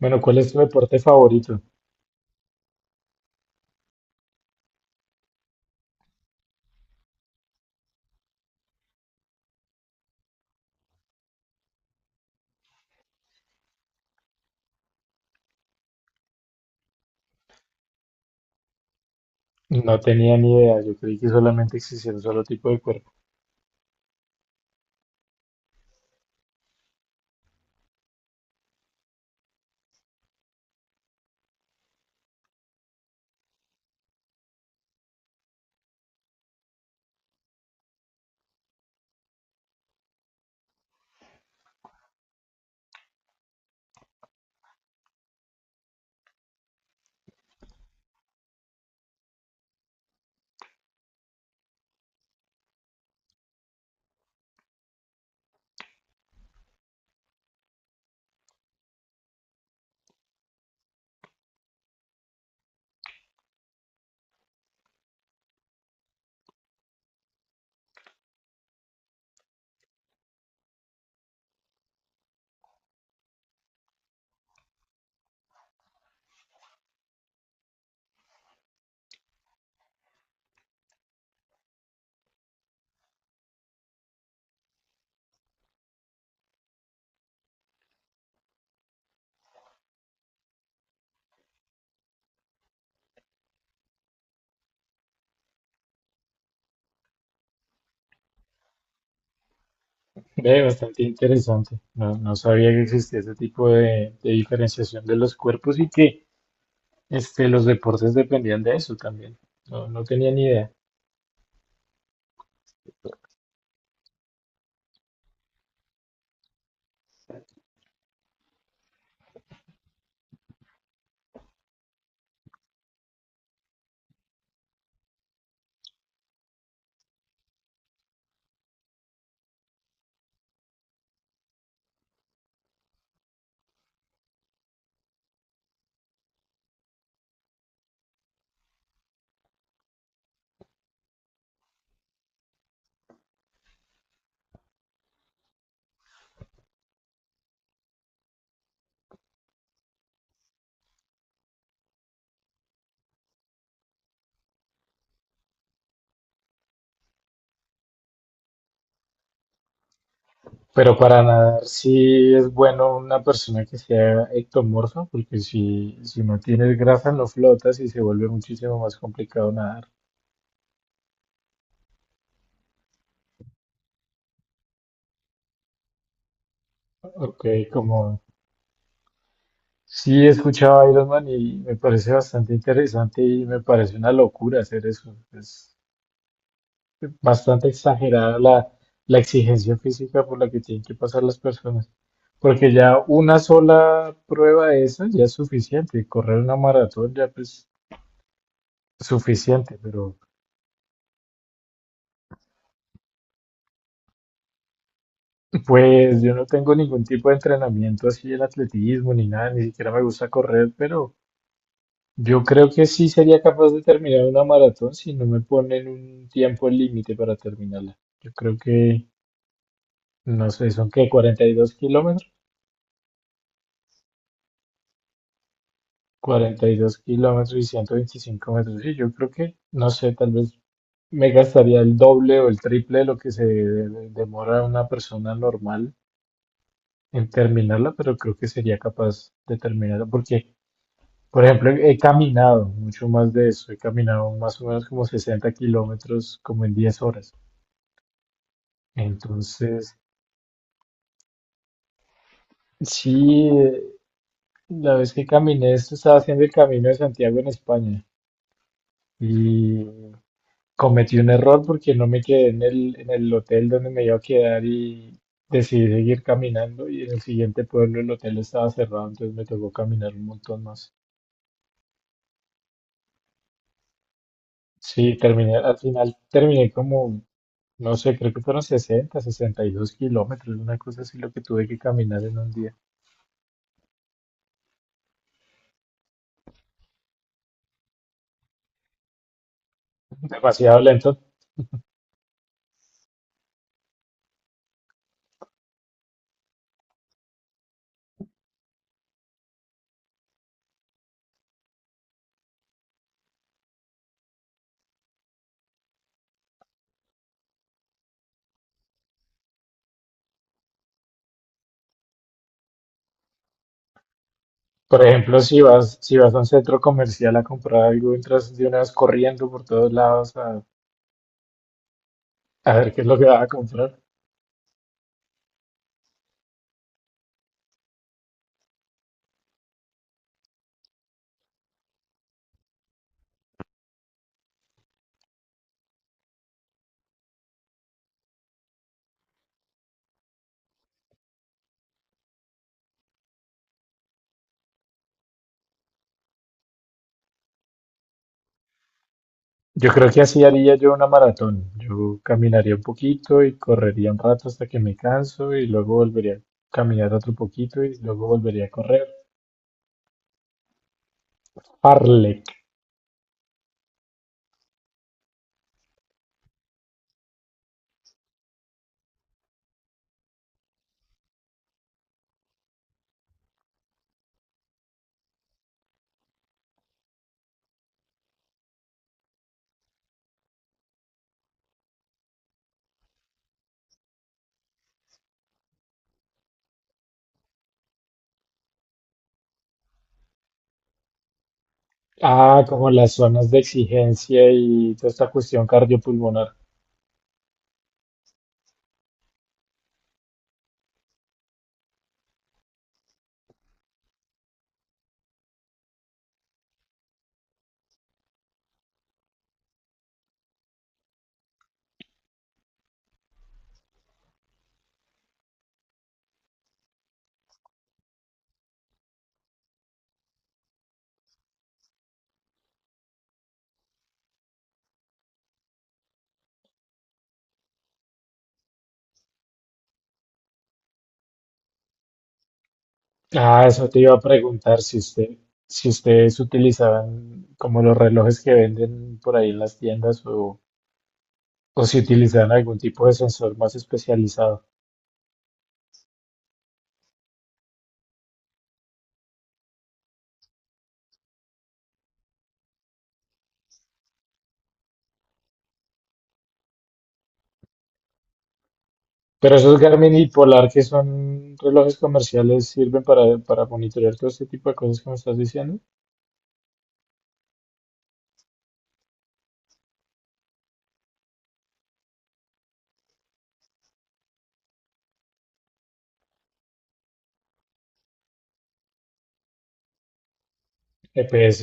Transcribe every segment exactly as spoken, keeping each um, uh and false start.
Bueno, ¿cuál es tu deporte favorito? No tenía ni idea, yo creí que solamente existía un solo tipo de cuerpo. Ve, bastante interesante. No, no sabía que existía ese tipo de, de diferenciación de los cuerpos y que este, los deportes dependían de eso también. No, no tenía ni idea. Pero para nadar sí es bueno una persona que sea ectomorfa, porque si, si no tienes grasa no flotas y se vuelve muchísimo más complicado nadar. Ok, como sí, he escuchado a Iron Man y me parece bastante interesante y me parece una locura hacer eso. Es bastante exagerada la, la exigencia física por la que tienen que pasar las personas. Porque ya una sola prueba de esas ya es suficiente. Correr una maratón ya pues es suficiente. Pero pues yo no tengo ningún tipo de entrenamiento así en atletismo ni nada. Ni siquiera me gusta correr, pero... Yo creo que sí sería capaz de terminar una maratón si no me ponen un tiempo límite para terminarla. Yo creo que, no sé, son que cuarenta y dos kilómetros, cuarenta y dos kilómetros y ciento veinticinco metros. Sí, yo creo que, no sé, tal vez me gastaría el doble o el triple de lo que se de- de- demora una persona normal en terminarla, pero creo que sería capaz de terminarla porque, por ejemplo, he caminado mucho más de eso. He caminado más o menos como sesenta kilómetros como en diez horas. Entonces, sí, eh, la vez que caminé, esto estaba haciendo el Camino de Santiago en España y cometí un error porque no me quedé en el, en el hotel donde me iba a quedar y decidí seguir caminando y en el siguiente pueblo el hotel estaba cerrado, entonces me tocó caminar un montón más. Sí, terminé, al final terminé como, no sé, creo que fueron sesenta sesenta y dos kilómetros, una cosa así lo que tuve que caminar en un día. Demasiado lento. Por ejemplo, si vas, si vas a un centro comercial a comprar algo, entras de una vez corriendo por todos lados a, a ver qué es lo que vas a comprar. Yo creo que así haría yo una maratón. Yo caminaría un poquito y correría un rato hasta que me canso y luego volvería a caminar otro poquito y luego volvería a correr. Parlek. Ah, como las zonas de exigencia y toda esta cuestión cardiopulmonar. Ah, eso te iba a preguntar si usted, si ustedes utilizaban como los relojes que venden por ahí en las tiendas o o si utilizarán algún tipo de sensor más especializado. Pero esos Garmin y Polar, que son relojes comerciales, sirven para, para monitorear todo este tipo de cosas que me estás diciendo. G P S.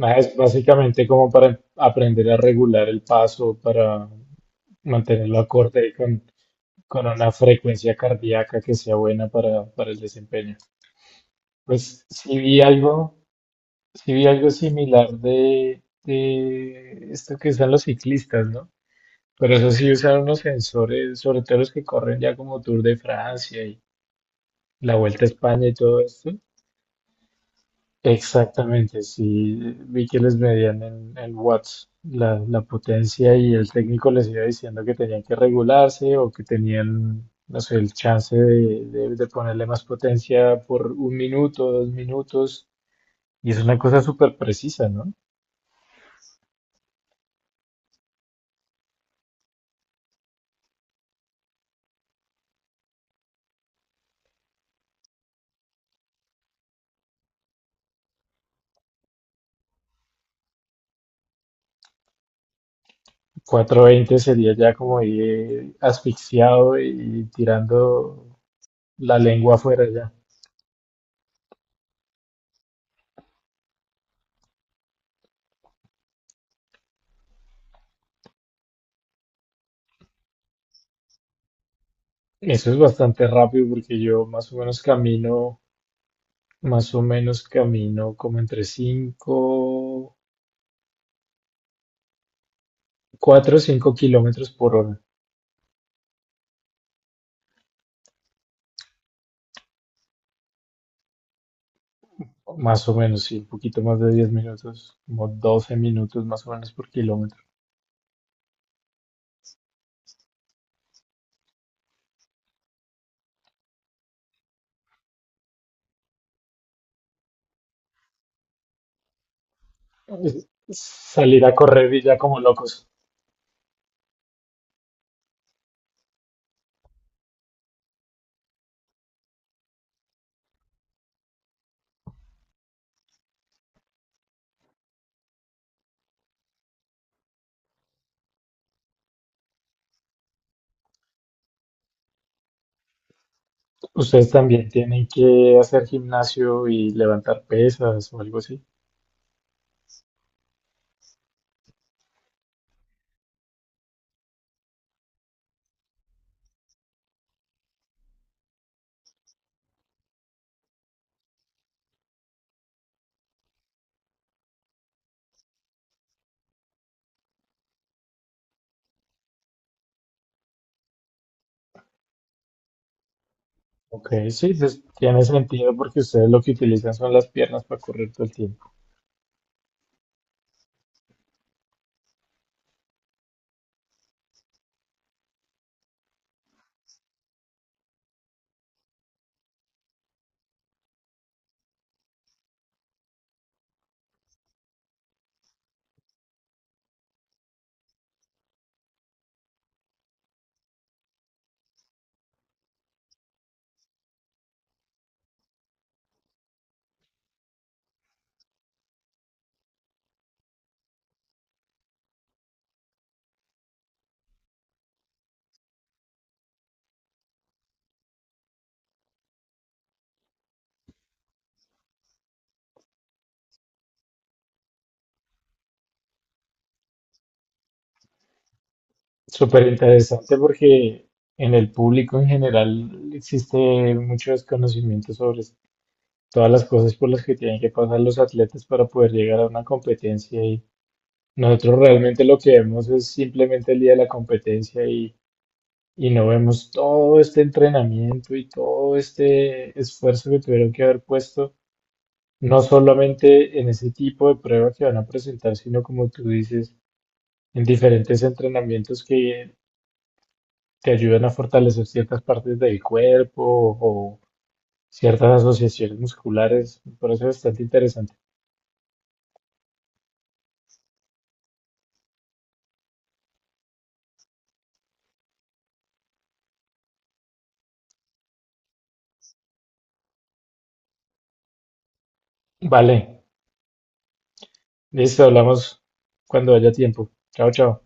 Ah, es básicamente como para aprender a regular el paso, para mantenerlo acorde con, con una frecuencia cardíaca que sea buena para, para el desempeño. Pues sí vi algo, sí vi algo similar de, de esto que usan los ciclistas, ¿no? Pero eso sí usaron unos sensores, sobre todo los que corren ya como Tour de Francia y la Vuelta a España y todo esto. Exactamente, sí, vi que les medían en, en watts la, la potencia y el técnico les iba diciendo que tenían que regularse o que tenían, no sé, el chance de, de- de ponerle más potencia por un minuto, dos minutos. Y es una cosa súper precisa, ¿no? Cuatrocientos veinte sería ya como ir asfixiado y tirando la lengua afuera. Eso es bastante rápido porque yo más o menos camino, más o menos camino como entre cinco, cuatro o cinco kilómetros por hora, más o menos, sí, un poquito más de diez minutos, como doce minutos más o menos por kilómetro. Es- Salir a correr y ya como locos. Ustedes también tienen que hacer gimnasio y levantar pesas o algo así. Ok, sí, pues, tiene sentido porque ustedes lo que utilizan son las piernas para correr todo el tiempo. Súper interesante porque en el público en general existe mucho desconocimiento sobre todas las cosas por las que tienen que pasar los atletas para poder llegar a una competencia y nosotros realmente lo que vemos es simplemente el día de la competencia y, y no vemos todo este entrenamiento y todo este esfuerzo que tuvieron que haber puesto, no solamente en ese tipo de prueba que van a presentar, sino como tú dices, en diferentes entrenamientos que te ayudan a fortalecer ciertas partes del cuerpo o ciertas asociaciones musculares. Por eso es bastante interesante. Vale, listo, hablamos cuando haya tiempo. Chao, chao.